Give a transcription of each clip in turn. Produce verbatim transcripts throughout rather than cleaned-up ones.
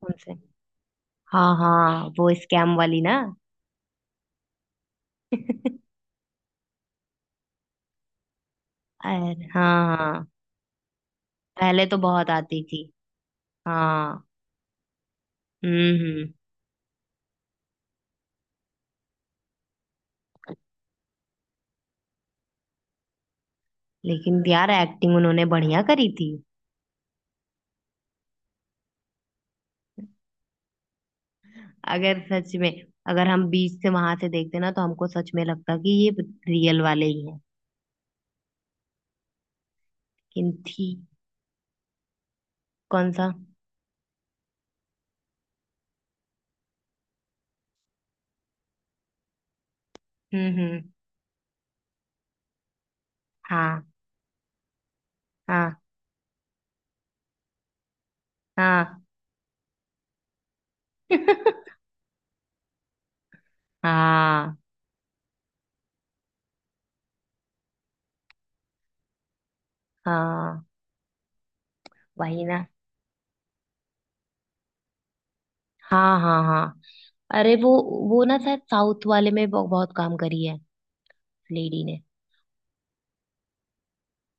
कौन से? हाँ हाँ, वो स्कैम वाली ना। अरे हाँ हाँ। पहले तो बहुत आती थी। हाँ। हम्म हम्म। लेकिन यार एक्टिंग उन्होंने बढ़िया करी थी। अगर सच में, अगर हम बीच से वहां से देखते ना तो हमको सच में लगता कि ये रियल वाले ही हैं। लेकिन थी। कौन सा? हम्म हम्म। हाँ हाँ हाँ। हाँ। हाँ वही ना। हाँ हाँ हाँ। अरे वो वो ना शायद साउथ वाले में बहु- बहुत काम करी है। लेडी ने।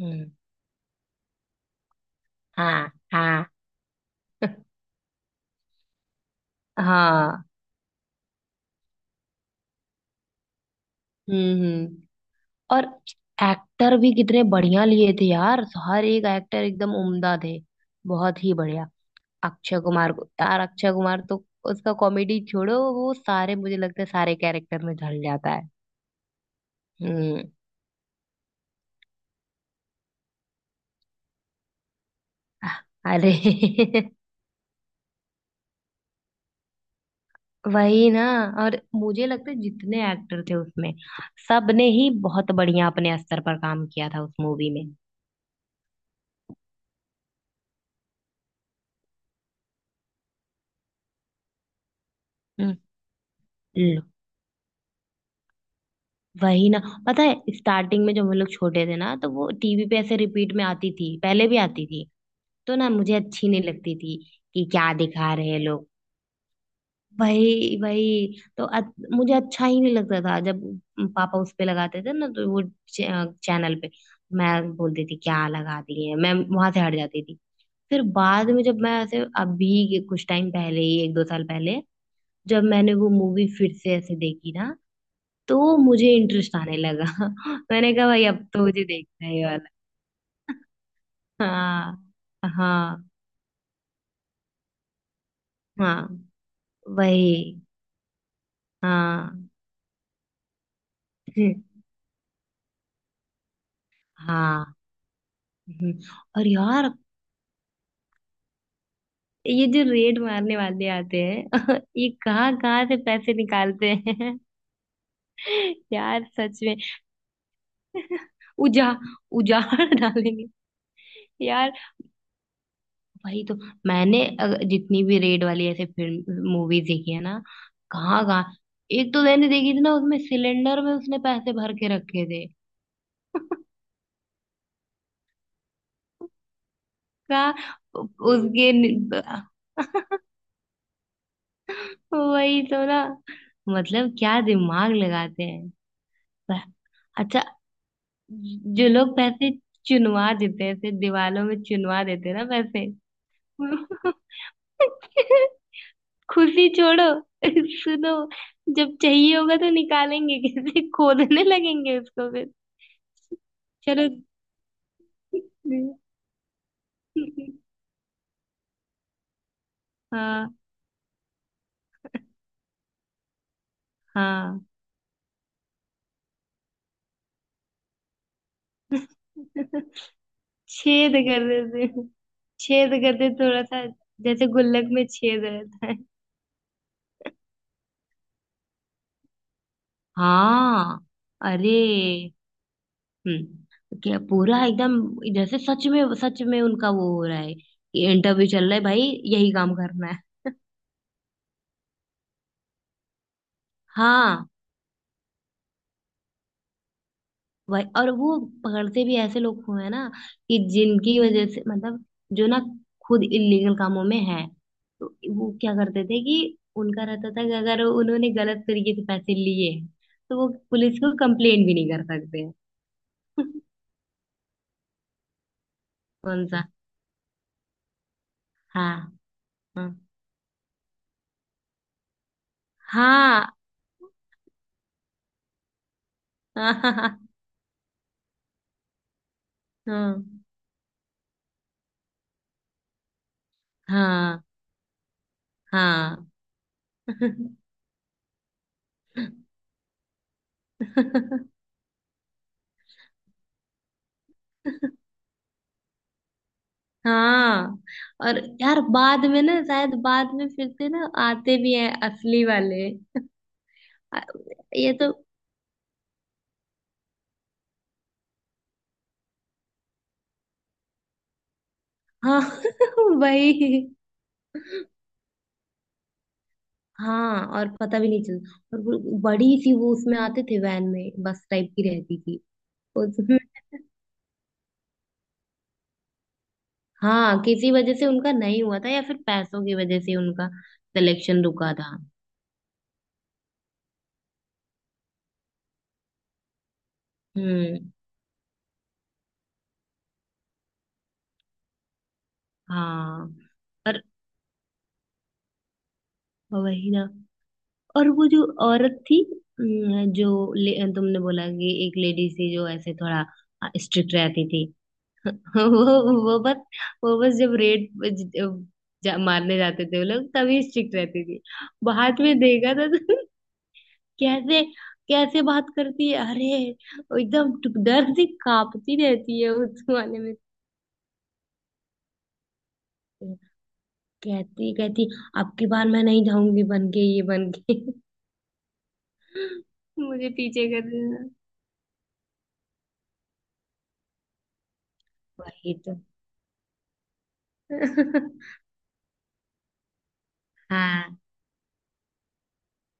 हम्म। हाँ हाँ हाँ। हम्म हम्म। और एक्टर भी कितने बढ़िया लिए थे यार, हर एक एक्टर एकदम उम्दा थे। बहुत ही बढ़िया। अक्षय कुमार को यार, अक्षय कुमार तो, उसका कॉमेडी छोड़ो, वो सारे, मुझे लगता है सारे कैरेक्टर में ढल जाता है। हम्म। अरे। वही ना। और मुझे लगता है जितने एक्टर थे उसमें सबने ही बहुत बढ़िया अपने स्तर पर काम किया था उस मूवी में। हम्म। वही ना। पता है स्टार्टिंग में जब हम लोग छोटे थे ना तो वो टीवी पे ऐसे रिपीट में आती थी, पहले भी आती थी। तो ना मुझे अच्छी नहीं लगती थी कि क्या दिखा रहे हैं लोग। वही वही तो अ- मुझे अच्छा ही नहीं लगता था, जब पापा उस पे लगाते थे ना तो वो चैनल पे, मैं बोलती थी क्या लगा दिए, मैं वहां से हट जाती थी। फिर बाद में जब मैं ऐसे अभी के कुछ टाइम पहले ही, एक दो साल पहले, जब मैंने वो मूवी फिर से ऐसे देखी ना तो मुझे इंटरेस्ट आने लगा। मैंने कहा भाई अब तो मुझे देखना है ये वाला। हाँ हाँ। हाँ। वही। हाँ। हाँ। हम्म। और यार ये जो रेड मारने वाले आते हैं ये कहाँ कहाँ से पैसे निकालते हैं? यार सच में। उजा उजाड़ डालेंगे। यार। वही तो। मैंने अग- जितनी भी रेड वाली ऐसे फिल्म मूवीज देखी है ना, कहाँ कहाँ। एक तो मैंने देखी थी ना उसमें सिलेंडर में उसने पैसे भर के रखे थे। कहा। उसके नि- वही तो ना। मतलब क्या दिमाग लगाते हैं। प- अच्छा, जो लोग पैसे चुनवा देते हैं ऐसे दीवालों में, चुनवा देते हैं ना पैसे। खुशी छोड़ो। सुनो, जब चाहिए होगा तो निकालेंगे कैसे, खोदने लगेंगे उसको फिर। चलो। हाँ हाँ। छेद कर देते हैं। छेद करते थोड़ा सा, जैसे गुल्लक में छेद रहता है। हाँ। अरे। हम्म, क्या पूरा एकदम, जैसे सच में सच में उनका वो हो रहा है, इंटरव्यू चल रहा है भाई, यही काम करना है। हाँ। वही और वो पकड़ते भी ऐसे लोग को है ना, कि जिनकी वजह से, मतलब जो ना खुद इलीगल कामों में है, तो वो क्या करते थे कि उनका रहता था कि अगर उन्होंने गलत तरीके से पैसे लिए तो वो पुलिस को कंप्लेन भी नहीं कर सकते। कौन सा? हाँ। हाँ हाँ हाँ। हाँ हाँ। हाँ। और यार बाद में ना शायद बाद में फिर से ना आते भी हैं असली वाले। आ- ये तो। हाँ। वही। हाँ, और पता भी नहीं चलता, और वो बड़ी सी वो उसमें आते थे वैन में, बस टाइप की रहती थी उसमें। हाँ, किसी वजह से उनका नहीं हुआ था, या फिर पैसों की वजह से उनका सिलेक्शन रुका था। हम्म। हाँ। पर, वही ना। और वो जो औरत थी, अम, जो ले, तुमने बोला कि एक लेडी थी जो ऐसे थोड़ा, हाँ, स्ट्रिक्ट रहती थी। वो वो बस, वो बस जब रेड जा, मारने जाते थे वो लोग तभी स्ट्रिक्ट रहती थी। बाद में देखा था तो कैसे, कैसे बात करती है अरे, वो एकदम टुक- डर से कांपती रहती है उस वाले में। कहती कहती, अब की बार मैं नहीं जाऊंगी बन के, ये बन के। मुझे पीछे कर देना। वही तो। हाँ।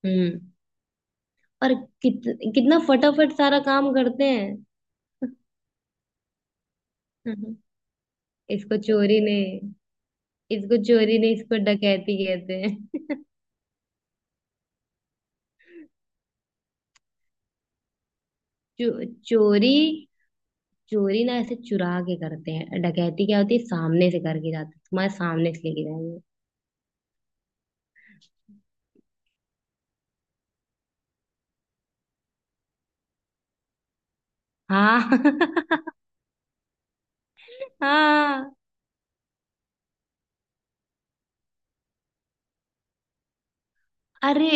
हम्म। और कित, कितना फटाफट सारा काम करते हैं। इसको चोरी ने इसको चोरी नहीं, इसको डकैती कहते हैं। चो, चोरी, चोरी ना ऐसे चुरा के करते हैं, डकैती क्या होती है, सामने से करके जाते हैं, तुम्हारे सामने से लेके जाएंगे। हाँ। हाँ। अरे,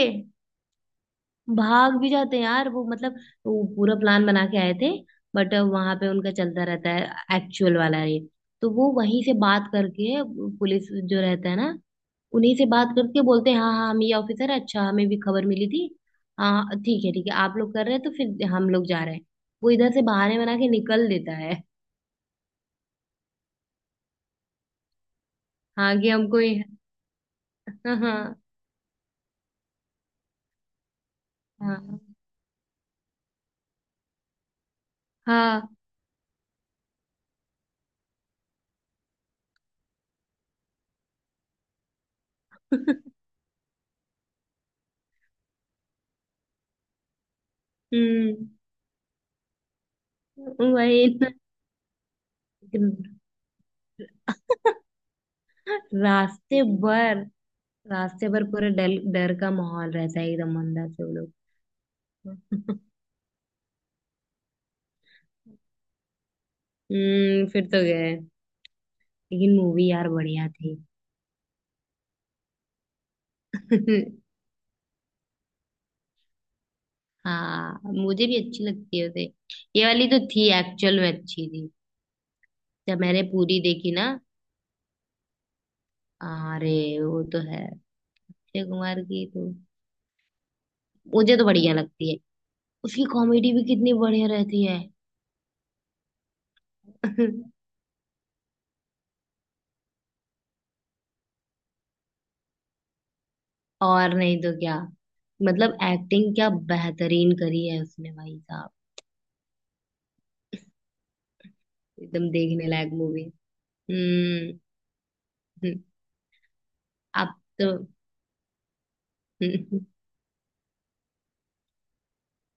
भाग भी जाते हैं यार, वो मतलब, वो पूरा प्लान बना के आए थे, बट वहां पे उनका चलता रहता है एक्चुअल वाला ये, तो वो वहीं से बात करके, पुलिस जो रहता है ना, उन्हीं से बात करके बोलते हैं हाँ हाँ हम ये ऑफिसर है, अच्छा हमें भी खबर मिली थी, हाँ ठीक है ठीक है आप लोग कर रहे हैं तो फिर हम लोग जा रहे हैं, वो इधर से बहाने बना के निकल देता है। हाँ, कि हमको ये- हाँ हाँ। हाँ हाँ। हम्म। वही ना। रास्ते भर, रास्ते भर पूरा डर डर का माहौल रहता है एकदम अंदर से वो लोग। हम्म, फिर तो गए। लेकिन मूवी यार बढ़िया थी। हाँ, मुझे भी अच्छी लगती है उसे। ये वाली तो थी, एक्चुअल में अच्छी थी। जब मैंने पूरी देखी ना, अरे वो तो है, अक्षय कुमार की तो मुझे तो बढ़िया लगती है, उसकी कॉमेडी भी कितनी बढ़िया रहती है। और नहीं तो क्या? मतलब एक्टिंग क्या बेहतरीन करी है उसने भाई साहब, एकदम देखने लायक मूवी। हम्म। अब तो,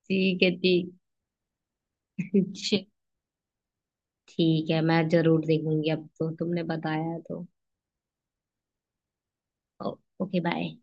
ठीक है ठीक। ठीक है मैं जरूर देखूंगी, अब तो तुमने बताया है तो। ओ- ओके बाय।